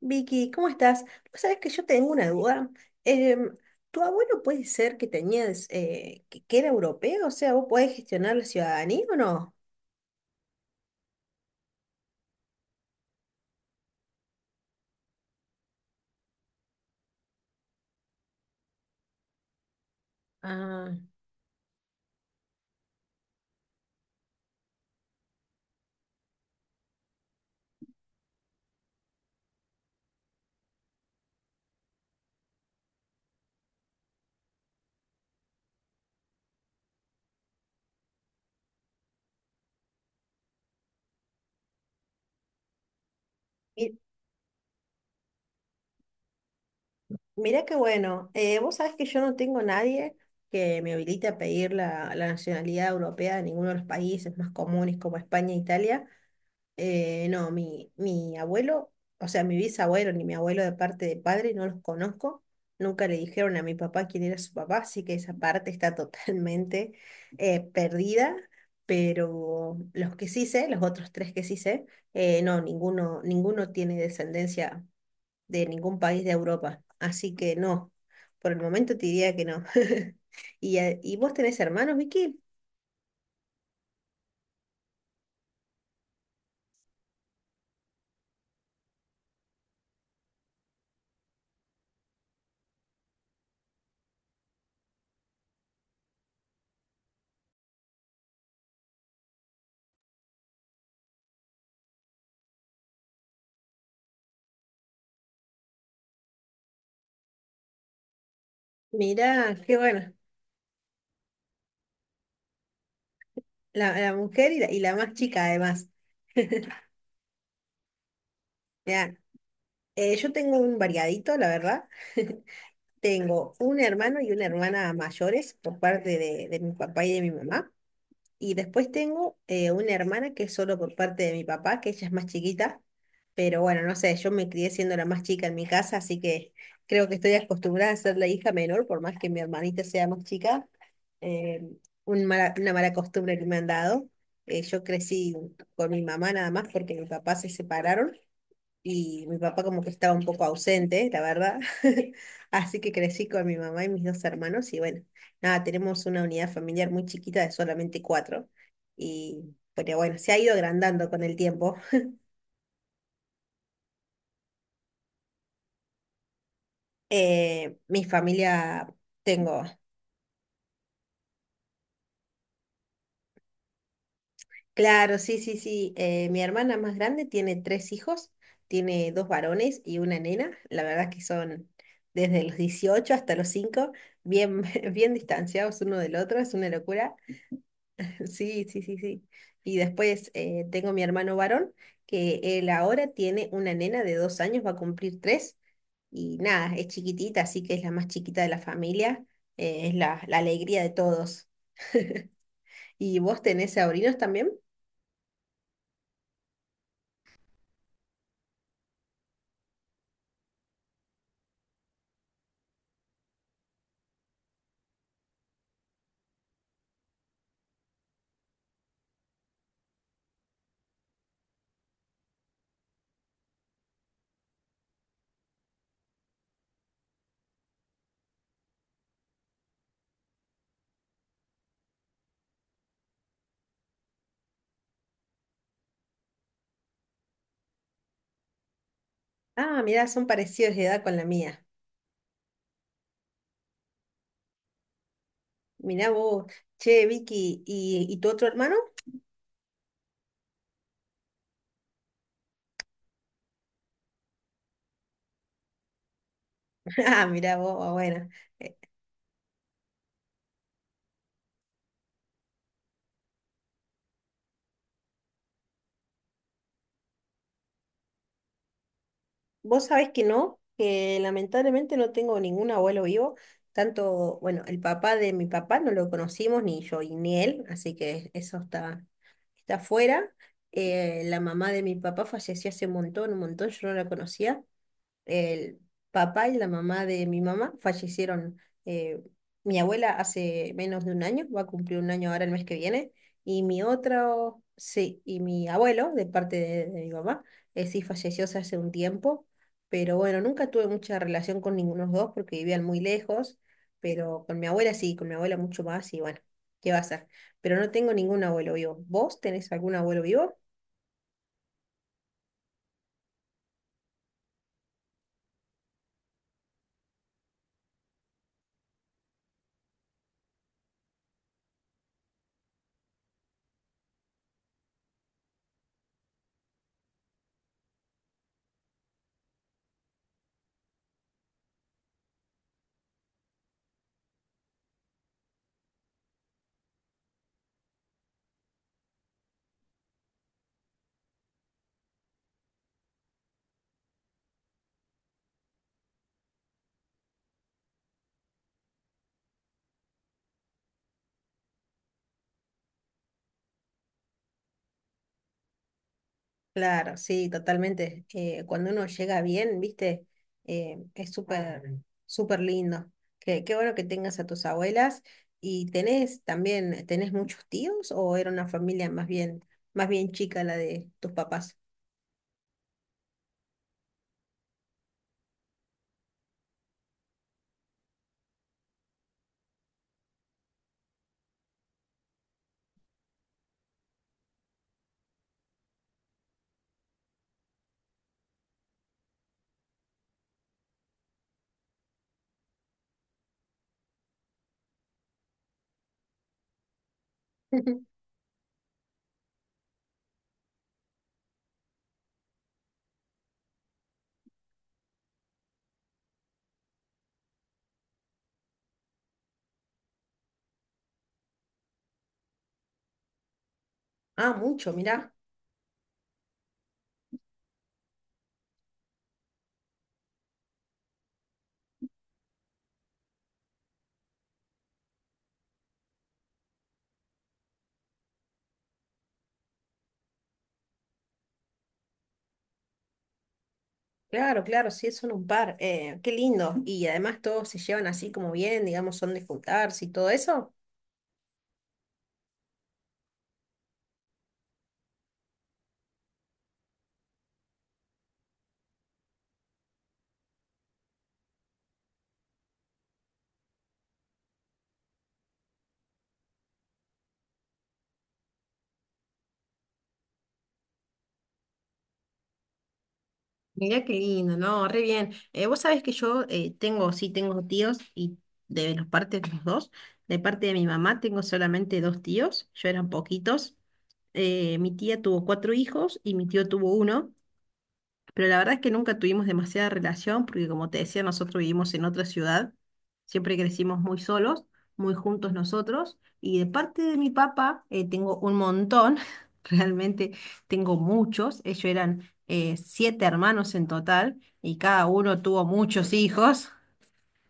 Vicky, ¿cómo estás? Vos sabés que yo tengo una duda. Em, ¿Tu abuelo puede ser que tenías, que era europeo? O sea, ¿vos podés gestionar la ciudadanía o no? Ah, Mi- Mirá qué bueno. Vos sabés que yo no tengo nadie que me habilite a pedir la nacionalidad europea de ninguno de los países más comunes como España e Italia. No, mi abuelo, o sea, mi bisabuelo ni mi abuelo de parte de padre no los conozco. Nunca le dijeron a mi papá quién era su papá, así que esa parte está totalmente perdida. Pero los que sí sé, los otros tres que sí sé, no, ninguno tiene descendencia de ningún país de Europa. Así que no, por el momento te diría que no. ¿Y vos tenés hermanos, Vicky? Mirá, qué bueno. La mujer y la más chica además. Mirá, yo tengo un variadito, la verdad. Tengo un hermano y una hermana mayores por parte de mi papá y de mi mamá. Y después tengo una hermana que es solo por parte de mi papá, que ella es más chiquita. Pero bueno, no sé, yo me crié siendo la más chica en mi casa, así que creo que estoy acostumbrada a ser la hija menor, por más que mi hermanita sea más chica. Eh, una mala costumbre que me han dado. Yo crecí con mi mamá nada más porque mi papá se separaron y mi papá como que estaba un poco ausente, la verdad. Así que crecí con mi mamá y mis dos hermanos y bueno, nada, tenemos una unidad familiar muy chiquita de solamente cuatro. Y pero bueno, se ha ido agrandando con el tiempo. Mi familia tengo, claro, sí, sí, sí. Mi hermana más grande tiene tres hijos, tiene dos varones y una nena. La verdad que son desde los 18 hasta los 5 bien, bien distanciados uno del otro, es una locura. Sí, sí, sí, sí. Y después tengo mi hermano varón, que él ahora tiene una nena de 2 años, va a cumplir tres. Y nada, es chiquitita, así que es la más chiquita de la familia. Es la alegría de todos. ¿Y vos tenés sobrinos también? Ah, mirá, son parecidos de edad con la mía. Mirá vos, che, Vicky, ¿y tu otro hermano? Ah, mirá vos, bueno. Vos sabés que no, que lamentablemente no tengo ningún abuelo vivo, tanto, bueno, el papá de mi papá no lo conocimos, ni yo y ni él, así que eso está fuera. La mamá de mi papá falleció hace un montón, yo no la conocía el papá y la mamá de mi mamá fallecieron. eh, Mi abuela hace menos de un año, va a cumplir un año ahora el mes que viene, y mi otro, sí, y mi abuelo, de parte de mi mamá, sí falleció hace un tiempo, pero bueno, nunca tuve mucha relación con ninguno de los dos porque vivían muy lejos, pero con mi abuela sí, con mi abuela mucho más, y bueno, ¿qué va a ser? Pero no tengo ningún abuelo vivo. ¿Vos tenés algún abuelo vivo? Claro, sí, totalmente. Cuando uno llega bien, viste, es súper, súper lindo. Qué bueno que tengas a tus abuelas. ¿Y tenés también, tenés muchos tíos o era una familia más bien chica la de tus papás? Ah, mucho, mirá. Claro, claro, sí, son un par. Qué lindo. Y además todos se llevan así como bien, digamos, son de juntarse y todo eso. Mirá qué lindo, ¿no? Re bien. Vos sabés que yo tengo, sí, tengo tíos y de los partes de los dos. De parte de mi mamá tengo solamente dos tíos, yo eran poquitos. Mi tía tuvo cuatro hijos y mi tío tuvo uno. Pero la verdad es que nunca tuvimos demasiada relación porque, como te decía, nosotros vivimos en otra ciudad, siempre crecimos muy solos, muy juntos nosotros. Y de parte de mi papá tengo un montón, realmente tengo muchos. Ellos eran siete hermanos en total y cada uno tuvo muchos hijos.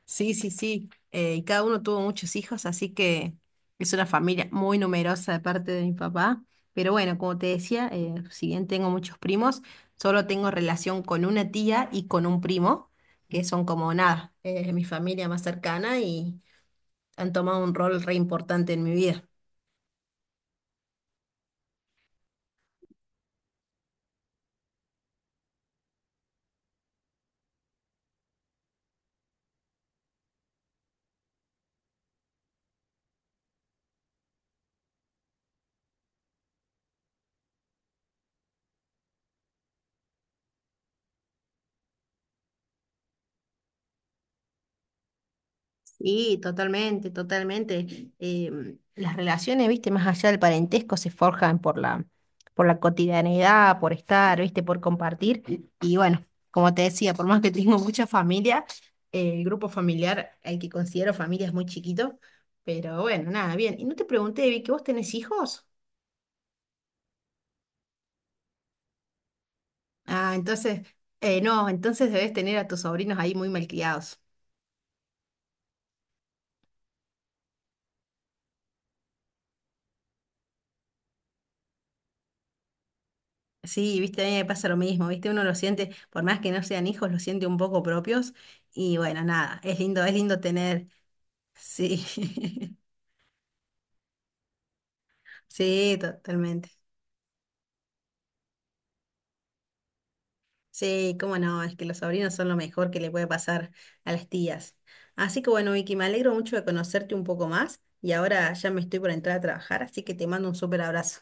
Sí, sí, sí. Y cada uno tuvo muchos hijos, así que es una familia muy numerosa de parte de mi papá. Pero bueno, como te decía, si bien tengo muchos primos, solo tengo relación con una tía y con un primo, que son como nada, mi familia más cercana y han tomado un rol re importante en mi vida. Sí, totalmente, totalmente. Las relaciones, viste, más allá del parentesco, se forjan por la, cotidianidad, por estar, viste, por compartir. Y bueno, como te decía, por más que tengo mucha familia, el grupo familiar, el que considero familia, es muy chiquito. Pero bueno, nada, bien. Y no te pregunté, vi que ¿vos tenés hijos? Ah, entonces, no, entonces debes tener a tus sobrinos ahí muy malcriados. Sí, viste, a mí me pasa lo mismo, viste, uno lo siente, por más que no sean hijos, lo siente un poco propios y bueno, nada, es lindo tener, sí, sí, totalmente. Sí, cómo no, es que los sobrinos son lo mejor que le puede pasar a las tías. Así que bueno, Vicky, me alegro mucho de conocerte un poco más y ahora ya me estoy por entrar a trabajar, así que te mando un súper abrazo.